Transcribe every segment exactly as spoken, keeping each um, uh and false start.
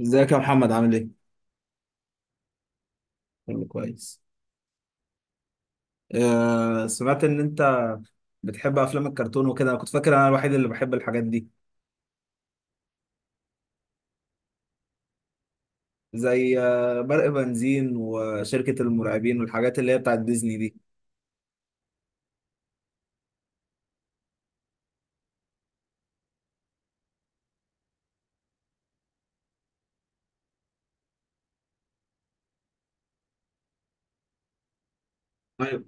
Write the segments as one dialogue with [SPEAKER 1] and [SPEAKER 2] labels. [SPEAKER 1] ازيك يا محمد، عامل ايه؟ كله كويس. آه سمعت ان انت بتحب افلام الكرتون وكده، انا كنت فاكر انا الوحيد اللي بحب الحاجات دي. زي آه برق بنزين وشركة المرعبين والحاجات اللي هي بتاعت ديزني دي. ايوه.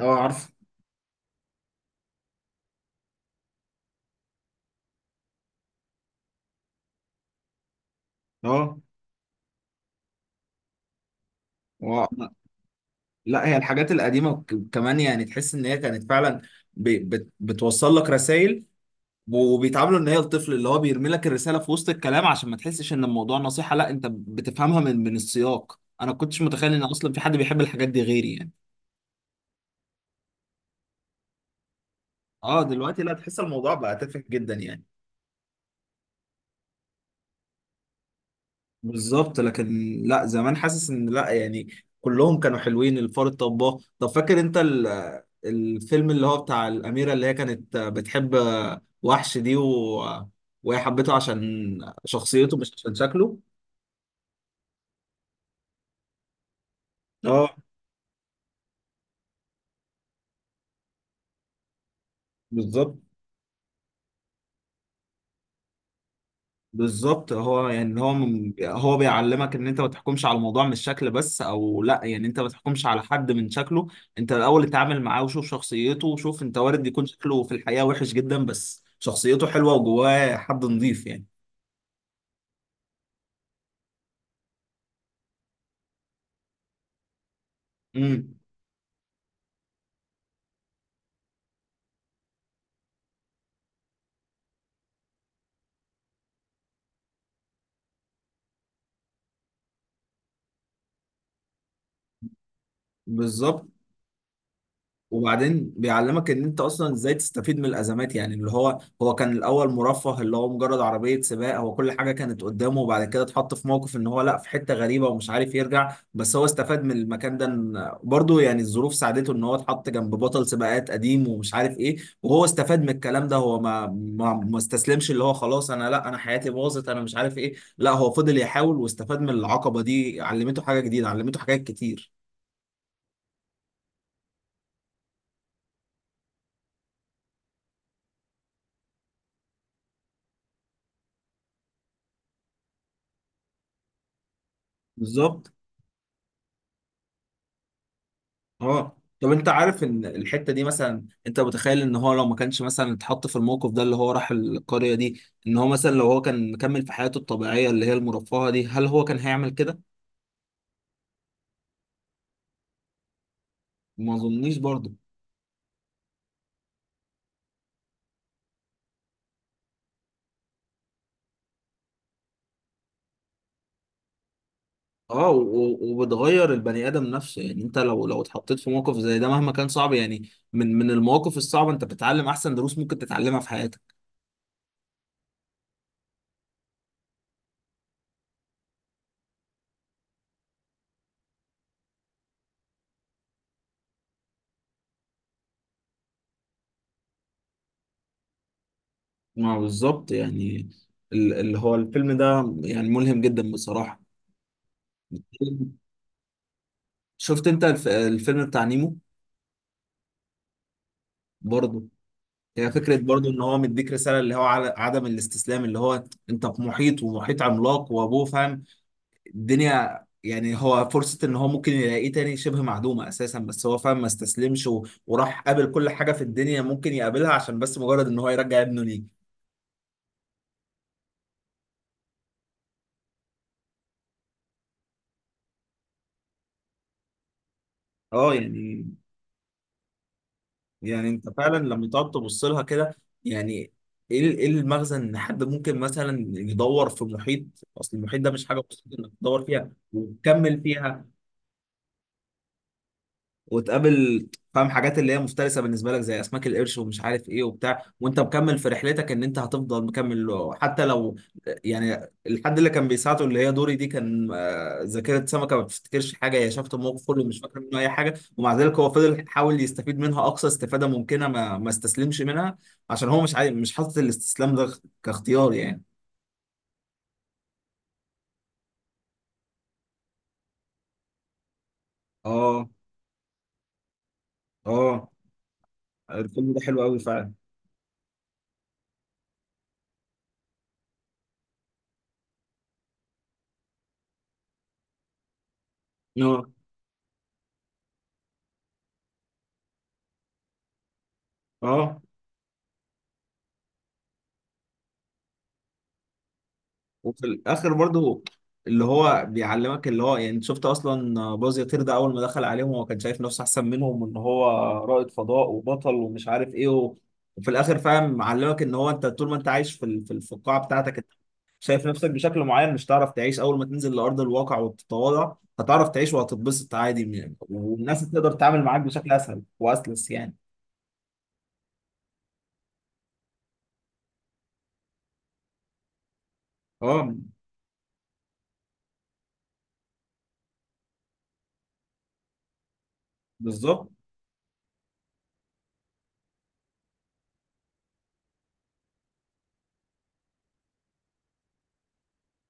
[SPEAKER 1] اه، عارف. اه، و- لا، هي الحاجات القديمة وك- كمان، يعني تحس ان هي كانت فعلا ب... بت... بتوصل لك رسائل، وبيتعاملوا ان هي الطفل اللي هو بيرمي لك الرسالة في وسط الكلام، عشان ما تحسش ان الموضوع نصيحة. لا، انت بتفهمها من من السياق. انا كنتش متخيل ان اصلا في حد بيحب الحاجات دي غيري يعني. اه، دلوقتي لا، تحس الموضوع بقى تافه جدا يعني. بالظبط، لكن لا، زمان حاسس ان لا يعني، كلهم كانوا حلوين. الفار الطباخ. طب فاكر انت ال- الفيلم اللي هو بتاع الأميرة اللي هي كانت بتحب وحش دي، و... وهي حبته عشان شخصيته مش عشان شكله. اه، بالظبط. بالظبط، هو يعني، هو من هو بيعلمك ان انت ما تحكمش على الموضوع من الشكل بس، او لا، يعني انت ما تحكمش على حد من شكله. انت الاول اتعامل معاه وشوف شخصيته، وشوف انت وارد يكون شكله في الحقيقة وحش جدا بس شخصيته حلوة وجواه حد نظيف يعني. امم. بالظبط. وبعدين بيعلمك ان انت اصلا ازاي تستفيد من الازمات. يعني اللي هو هو كان الاول مرفه، اللي هو مجرد عربيه سباق، هو كل حاجه كانت قدامه. وبعد كده اتحط في موقف ان هو لا، في حته غريبه ومش عارف يرجع. بس هو استفاد من المكان ده، إن- برضه يعني الظروف ساعدته ان هو اتحط جنب بطل سباقات قديم ومش عارف ايه. وهو استفاد من الكلام ده، هو ما ما ما استسلمش، اللي هو خلاص، انا لا، انا حياتي باظت، انا مش عارف ايه. لا، هو فضل يحاول واستفاد من العقبه دي، علمته حاجه جديده، علمته حاجات كتير. بالظبط. اه، طب انت عارف ان الحته دي، مثلا انت متخيل ان هو لو ما كانش مثلا اتحط في الموقف ده، اللي هو راح القريه دي، ان هو مثلا لو هو كان مكمل في حياته الطبيعيه اللي هي المرفهه دي، هل هو كان هيعمل كده؟ ما اظنيش برضه. اه، و- و- وبتغير البني ادم نفسه. يعني انت لو لو اتحطيت في موقف زي ده مهما كان صعب، يعني من من المواقف الصعبه، انت بتتعلم احسن دروس ممكن تتعلمها في حياتك. ما بالظبط يعني، ال- اللي هو الفيلم ده يعني ملهم جدا بصراحه. شفت انت الف- الفيلم بتاع نيمو؟ برضه، هي فكرة برضو ان هو مديك رسالة اللي هو على عدم الاستسلام. اللي هو انت في محيط، ومحيط عملاق، وابوه فاهم الدنيا، يعني هو فرصة ان هو ممكن يلاقيه تاني شبه معدومة اساسا. بس هو فاهم، ما استسلمش، و... وراح قابل كل حاجة في الدنيا ممكن يقابلها عشان بس مجرد ان هو يرجع ابنه ليه. اه، يعني. يعني انت فعلا لما تقعد تبص لها كده، يعني، ايه ال- ايه المغزى ان حد ممكن مثلا يدور في محيط؟ اصل المحيط ده مش حاجة بسيطة انك تدور فيها وتكمل فيها، وتقابل، فاهم، حاجات اللي هي مفترسه بالنسبه لك زي اسماك القرش ومش عارف ايه وبتاع، وانت مكمل في رحلتك، ان انت هتفضل مكمل حتى لو، يعني الحد اللي كان بيساعده، اللي هي دوري دي، كان آه، ذاكره سمكه ما بتفتكرش حاجه، هي شافت الموقف كله مش فاكره منه اي حاجه، ومع ذلك هو فضل يحاول يستفيد منها اقصى استفاده ممكنه، ما ما استسلمش منها، عشان هو مش عاي... مش حاطط الاستسلام ده كاختيار يعني. اه. اه، الفيلم ده حلو قوي فعلا. اه. اه. وفي الاخر برضو اللي هو بيعلمك، اللي هو يعني، شفت اصلا باز يطير ده، اول ما دخل عليهم هو كان شايف نفسه احسن منهم، وان هو رائد فضاء وبطل ومش عارف ايه و... وفي الاخر، فاهم، معلمك ان هو انت طول ما انت عايش في ال- في ال- في القاعه بتاعتك، انت شايف نفسك بشكل معين، مش هتعرف تعيش. اول ما تنزل لارض الواقع وتتواضع، هتعرف تعيش وهتتبسط عادي يعني، والناس تقدر تتعامل معاك بشكل اسهل واسلس يعني. اه. بالظبط.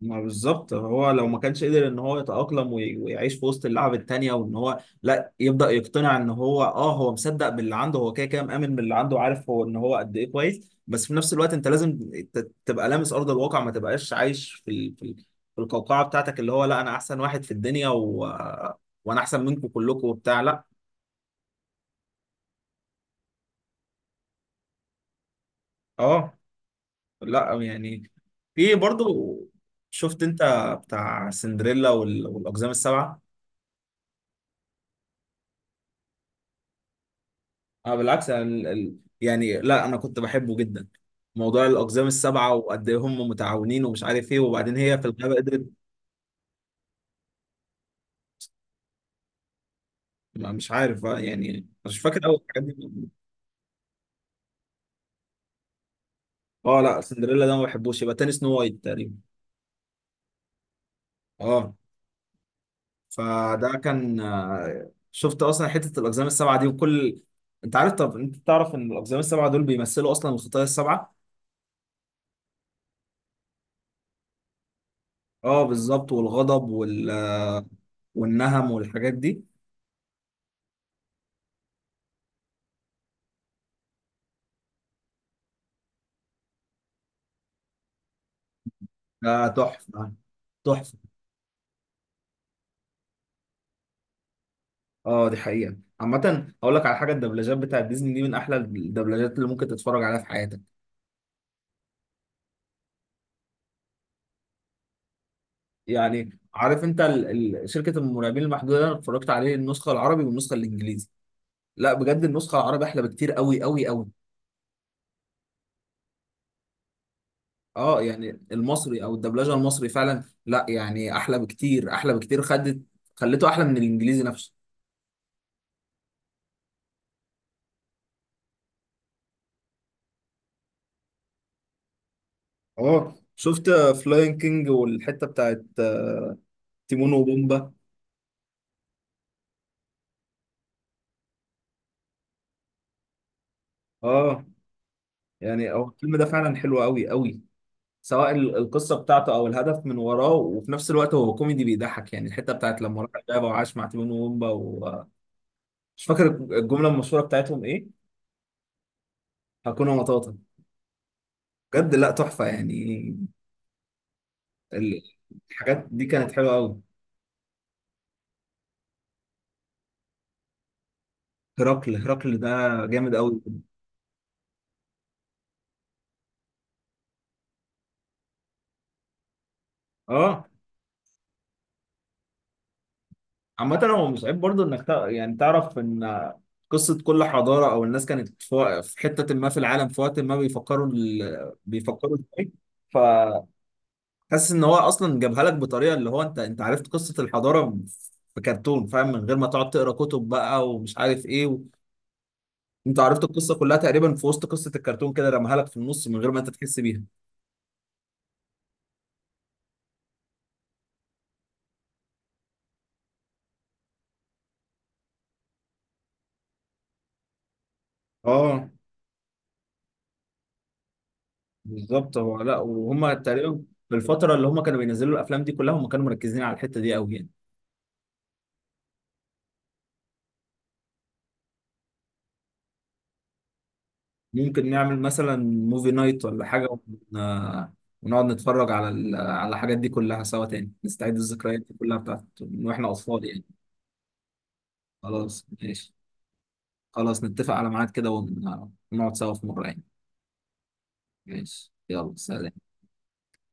[SPEAKER 1] ما بالظبط، هو لو ما كانش قدر ان هو يتأقلم وي- ويعيش في وسط اللعب التانية، وان هو لا، يبدأ يقتنع ان هو اه هو مصدق باللي عنده. هو كده كده مآمن باللي عنده، عارف هو ان هو قد ايه كويس، بس في نفس الوقت انت لازم ت- تبقى لامس ارض الواقع، ما تبقاش عايش في ال... في ال... في القوقعة بتاعتك، اللي هو لا، انا احسن واحد في الدنيا، و... وانا احسن منكم كلكم وبتاع، لا. اه، لا يعني. في برضو، شفت انت بتاع سندريلا وال... والاقزام السبعة؟ اه، بالعكس، أنا ال... ال... يعني لا، انا كنت بحبه جدا. موضوع الاقزام السبعه، وقد ايه هم متعاونين ومش عارف ايه، وبعدين هي في الغابه قدرت. ما- مش عارف، آه، يعني مش فاكر قوي الحاجات دي. اه، لا، سندريلا ده ما بحبوش، يبقى تاني سنو وايت تقريبا. اه، فده كان، آه، شفت اصلا حته الاقزام السبعه دي، وكل، انت عارف. طب انت تعرف ان الاقزام السبعه دول بيمثلوا اصلا الخطايا السبعه؟ اه، بالظبط، والغضب وال... آه، والنهم والحاجات دي. ده تحفه. تحفه. اه، دي حقيقة عامة، هقول لك على حاجة، الدبلجات بتاعت ديزني دي من أحلى الدبلجات اللي ممكن تتفرج عليها في حياتك. يعني عارف أنت، ال... ال... شركة المرعبين المحدودة ده، أنا اتفرجت عليه النسخة العربي والنسخة الإنجليزي، لا بجد النسخة العربي أحلى بكتير، قوي قوي قوي. اه، يعني المصري، أو الدبلجة المصري فعلا، لا يعني أحلى بكتير، أحلى بكتير. خدت، خلته أحلى من الإنجليزي نفسه. اه، شفت فلاين كينج والحتة بتاعت آه، تيمون وبومبا؟ اه، يعني هو الفيلم ده فعلا حلو قوي قوي، سواء ال- القصه بتاعته او الهدف من وراه. وفي نفس الوقت هو كوميدي بيضحك يعني، الحته بتاعت لما راح الغابه وعاش مع تيمون وومبا. ومش فاكر الجمله المشهوره بتاعتهم ايه، هكون مطاطا. بجد لا، تحفه يعني. ال- الحاجات دي كانت حلوه قوي. هرقل، هرقل ده جامد قوي. اه، عامه هو مش عيب برضه انك تع- يعني تعرف ان قصة كل حضارة أو الناس كانت في في حتة ما في العالم في وقت ما، بيفكروا ال... بيفكروا إزاي. حاسس ان هو اصلا جابها لك بطريقه، اللي هو، انت انت عرفت قصه الحضاره في كرتون، فاهم، من غير ما تقعد تقرا كتب بقى ومش عارف ايه و... انت عرفت القصه كلها تقريبا في وسط قصه الكرتون، كده رماها لك في النص من غير ما انت تحس بيها. اه، بالظبط، هو لا وهم تقريبا في الفتره اللي هم كانوا بينزلوا الافلام دي كلها، هم كانوا مركزين على الحته دي قوي يعني. ممكن نعمل مثلا موفي نايت ولا حاجه، ون... آه، ونقعد نتفرج على ال... على الحاجات دي كلها سوا تاني، نستعيد الذكريات دي كلها بتاعت من واحنا اطفال يعني. خلاص، ماشي. خلاص، نتفق على ميعاد كده ونقعد سوا في مرة يعني. ماشي، يلا سلام.